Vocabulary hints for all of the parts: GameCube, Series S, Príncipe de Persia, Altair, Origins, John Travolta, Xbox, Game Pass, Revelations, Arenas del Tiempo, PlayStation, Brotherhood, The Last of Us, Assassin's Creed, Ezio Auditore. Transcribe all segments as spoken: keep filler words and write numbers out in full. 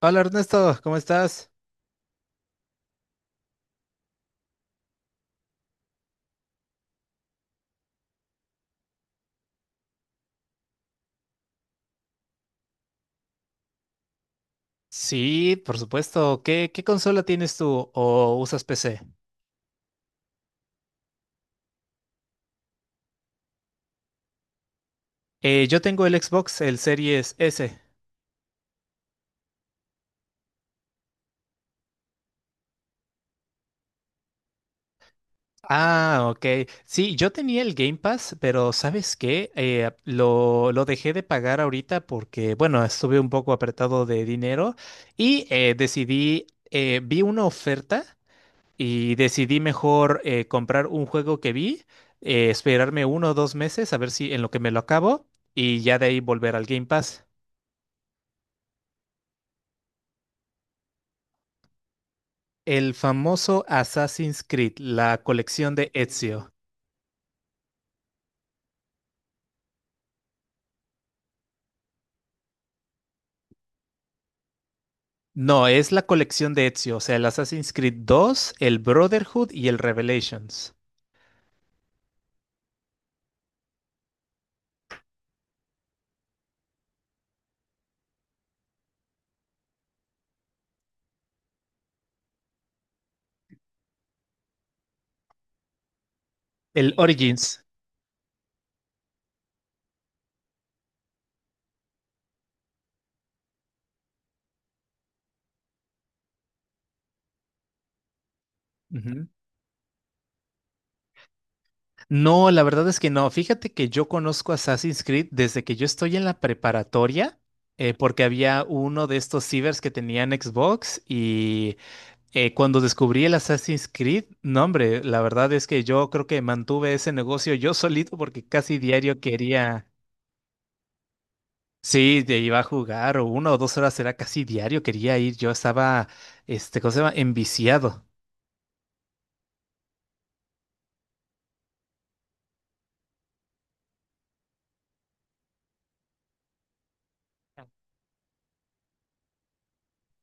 Hola Ernesto, ¿cómo estás? Sí, por supuesto. ¿Qué, qué consola tienes tú o usas P C? Eh, yo tengo el Xbox, el Series S. Ah, ok. Sí, yo tenía el Game Pass, pero ¿sabes qué? Eh, lo, lo dejé de pagar ahorita porque, bueno, estuve un poco apretado de dinero y eh, decidí, eh, vi una oferta. Y decidí mejor eh, comprar un juego que vi, eh, esperarme uno o dos meses a ver si en lo que me lo acabo y ya de ahí volver al Game Pass. El famoso Assassin's Creed, la colección de Ezio. No, es la colección de Ezio, o sea, el Assassin's Creed dos, el Brotherhood y el Revelations. El Origins. Ujú. No, la verdad es que no. Fíjate que yo conozco Assassin's Creed desde que yo estoy en la preparatoria, eh, porque había uno de estos cibers que tenían Xbox y eh, cuando descubrí el Assassin's Creed, no, hombre, la verdad es que yo creo que mantuve ese negocio yo solito porque casi diario quería, sí, de iba a jugar o una o dos horas era casi diario, quería ir, yo estaba, este, ¿cómo se llama? Enviciado.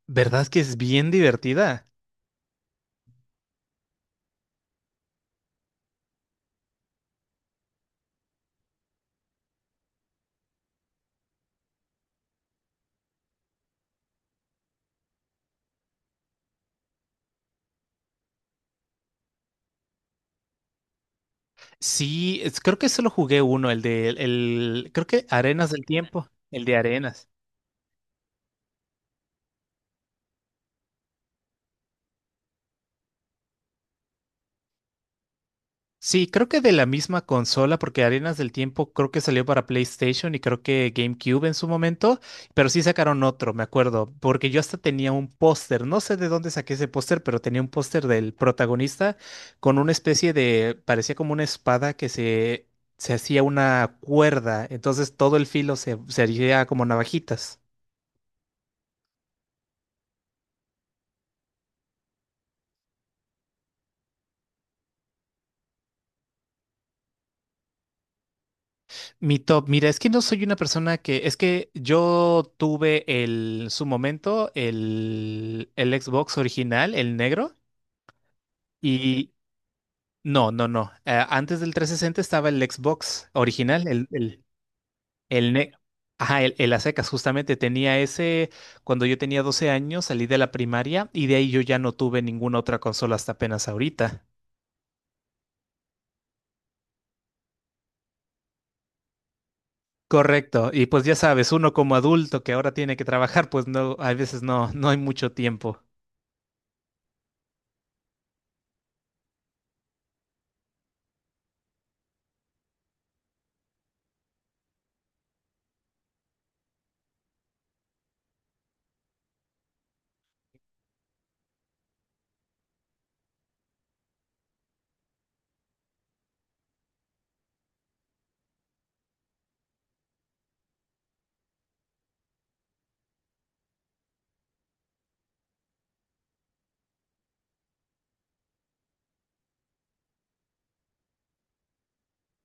¿Verdad que es bien divertida? Sí, es- creo que solo jugué uno, el de el, creo que Arenas del Tiempo, el de Arenas. Sí, creo que de la misma consola, porque Arenas del Tiempo creo que salió para PlayStation y creo que GameCube en su momento, pero sí sacaron otro, me acuerdo, porque yo hasta tenía un póster, no sé de dónde saqué ese póster, pero tenía un póster del protagonista con una especie de, parecía como una espada que se, se hacía una cuerda, entonces todo el filo se, se haría como navajitas. Mi top, mira, es que no soy una persona que, es que yo tuve el, en su momento, el, el Xbox original, el negro, y no, no, no. Eh, antes del trescientos sesenta estaba el Xbox original, el, el, el negro. Ajá, el, el a secas, justamente tenía ese, cuando yo tenía doce años, salí de la primaria y de ahí yo ya no tuve ninguna otra consola hasta apenas ahorita. Correcto, y pues ya sabes, uno como adulto que ahora tiene que trabajar, pues no, a veces no, no hay mucho tiempo.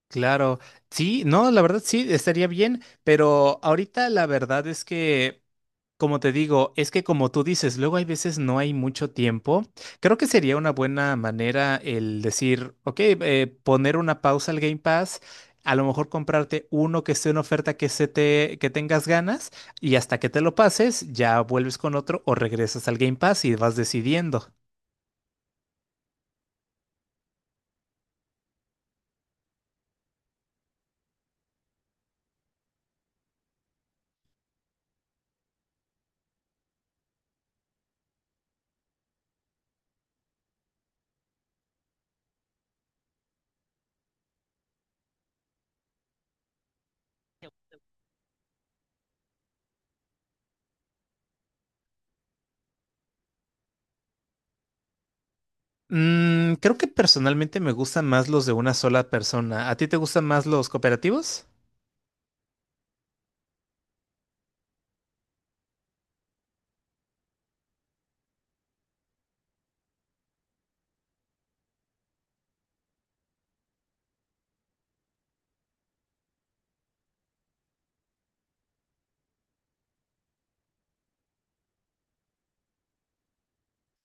Claro, sí, no, la verdad sí, estaría bien, pero ahorita la verdad es que, como te digo, es que como tú dices, luego hay veces no hay mucho tiempo. Creo que sería una buena manera el decir, ok, eh, poner una pausa al Game Pass, a lo mejor comprarte uno que esté en oferta que se te, que tengas ganas y hasta que te lo pases, ya vuelves con otro o regresas al Game Pass y vas decidiendo. Mm, creo que personalmente me gustan más los de una sola persona. ¿A ti te gustan más los cooperativos?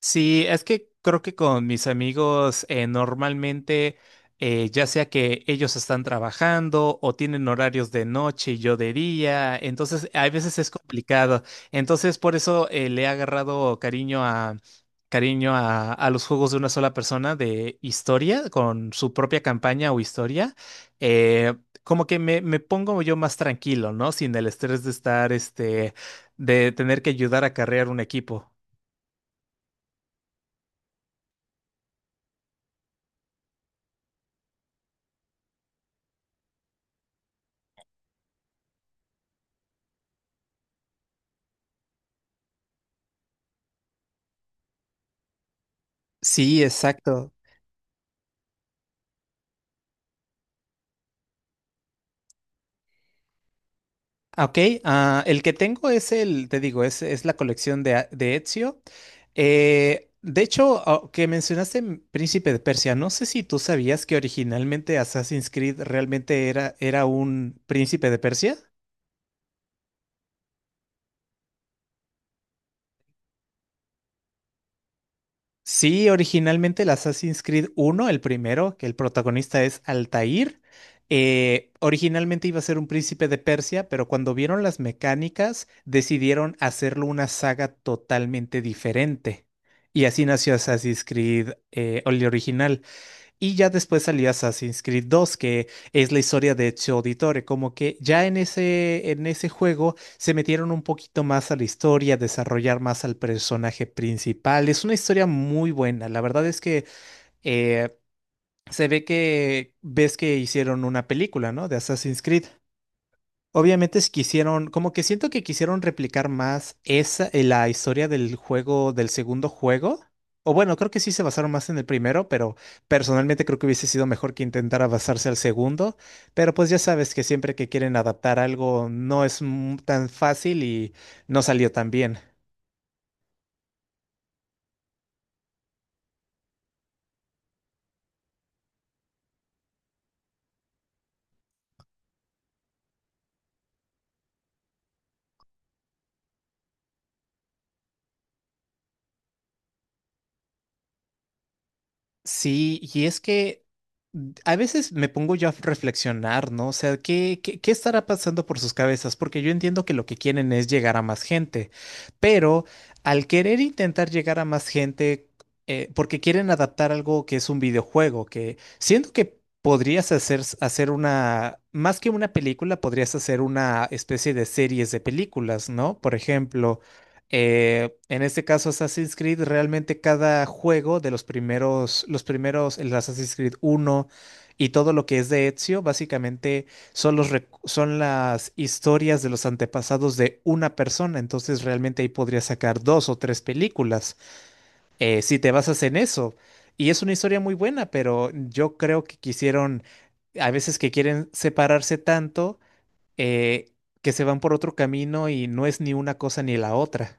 Sí, es que creo que con mis amigos eh, normalmente, eh, ya sea que ellos están trabajando o tienen horarios de noche y yo de día, entonces a veces es complicado. Entonces por eso eh, le he agarrado cariño a cariño a, a los juegos de una sola persona de historia, con su propia campaña o historia. Eh, Como que me, me pongo yo más tranquilo, ¿no? Sin el estrés de estar, este, de tener que ayudar a carrear un equipo. Sí, exacto. Ah, ok, ah, el que tengo es el, te digo, es, es la colección de, A- de Ezio. Eh, de hecho, ah, que mencionaste M- Príncipe de Persia, no sé si tú sabías que originalmente Assassin's Creed realmente era, era un Príncipe de Persia. Sí, originalmente el Assassin's Creed uno, el primero, que el protagonista es Altair, eh, originalmente iba a ser un príncipe de Persia, pero cuando vieron las mecánicas decidieron hacerlo una saga totalmente diferente. Y así nació Assassin's Creed, eh, el original. Y ya después salía Assassin's Creed dos, que es la historia de Ezio Auditore. Como que ya en ese, en ese juego se metieron un poquito más a la historia, desarrollar más al personaje principal. Es una historia muy buena. La verdad es que eh, se ve que ves que hicieron una película, ¿no? De Assassin's Creed. Obviamente es quisieron, como que siento que quisieron replicar más esa, eh, la historia del juego, del segundo juego. O bueno, creo que sí se basaron más en el primero, pero personalmente creo que hubiese sido mejor que intentara basarse al segundo. Pero pues ya sabes que siempre que quieren adaptar algo no es mu- tan fácil y no salió tan bien. Sí, y es que mm, a veces me pongo yo a reflexionar, ¿no? O sea, ¿qué, qué, qué estará pasando por sus cabezas? Porque yo entiendo que lo que quieren es llegar a más gente, pero al querer intentar llegar a más gente, eh, porque quieren adaptar algo que es un videojuego, que siento que podrías hacer, hacer una, más que una película, podrías hacer una especie de series de películas, ¿no? Por ejemplo. Eh, en este caso, Assassin's Creed, realmente cada juego de los primeros, los primeros, el Assassin's Creed uno y todo lo que es de Ezio, básicamente son los, recu- son las historias de los antepasados de una persona. Entonces, realmente ahí podrías sacar dos o tres películas eh, si te basas en eso. Y es una historia muy buena, pero yo creo que quisieron, a veces que quieren separarse tanto, eh, que se van por otro camino y no es ni una cosa ni la otra.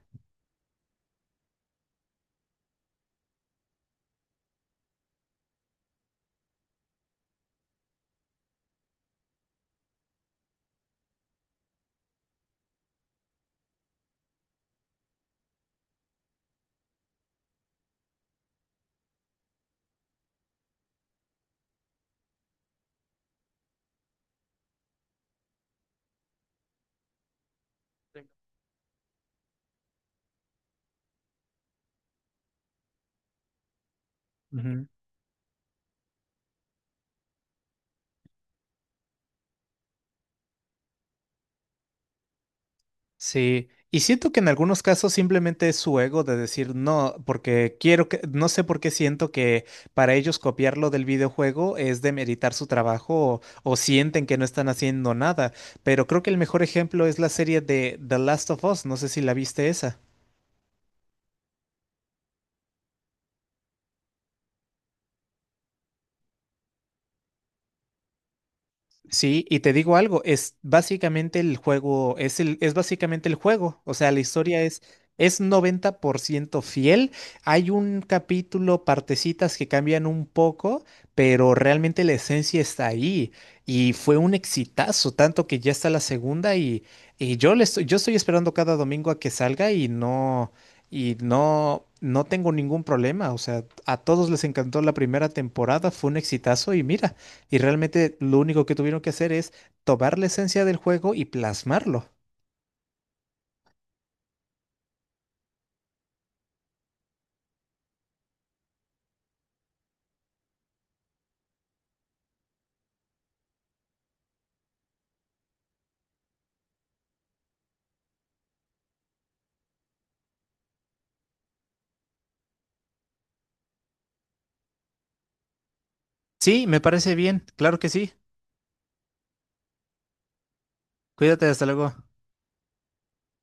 Sí, y siento que en algunos casos simplemente es su ego de decir no, porque quiero que, no sé por qué siento que para ellos copiarlo del videojuego es demeritar su trabajo o, o sienten que no están haciendo nada, pero creo que el mejor ejemplo es la serie de The Last of Us, no sé si la viste esa. Sí, y te digo algo, es básicamente el juego, es el, es básicamente el juego, o sea, la historia es, es noventa por ciento fiel, hay un capítulo, partecitas que cambian un poco, pero realmente la esencia está ahí, y fue un exitazo, tanto que ya está la segunda, y, y yo le estoy, yo estoy esperando cada domingo a que salga, y no, y no, no tengo ningún problema, o sea, a todos les encantó la primera temporada, fue un exitazo, y mira. Y realmente lo único que tuvieron que hacer es tomar la esencia del juego y plasmarlo. Sí, me parece bien, claro que sí. Cuídate, hasta luego.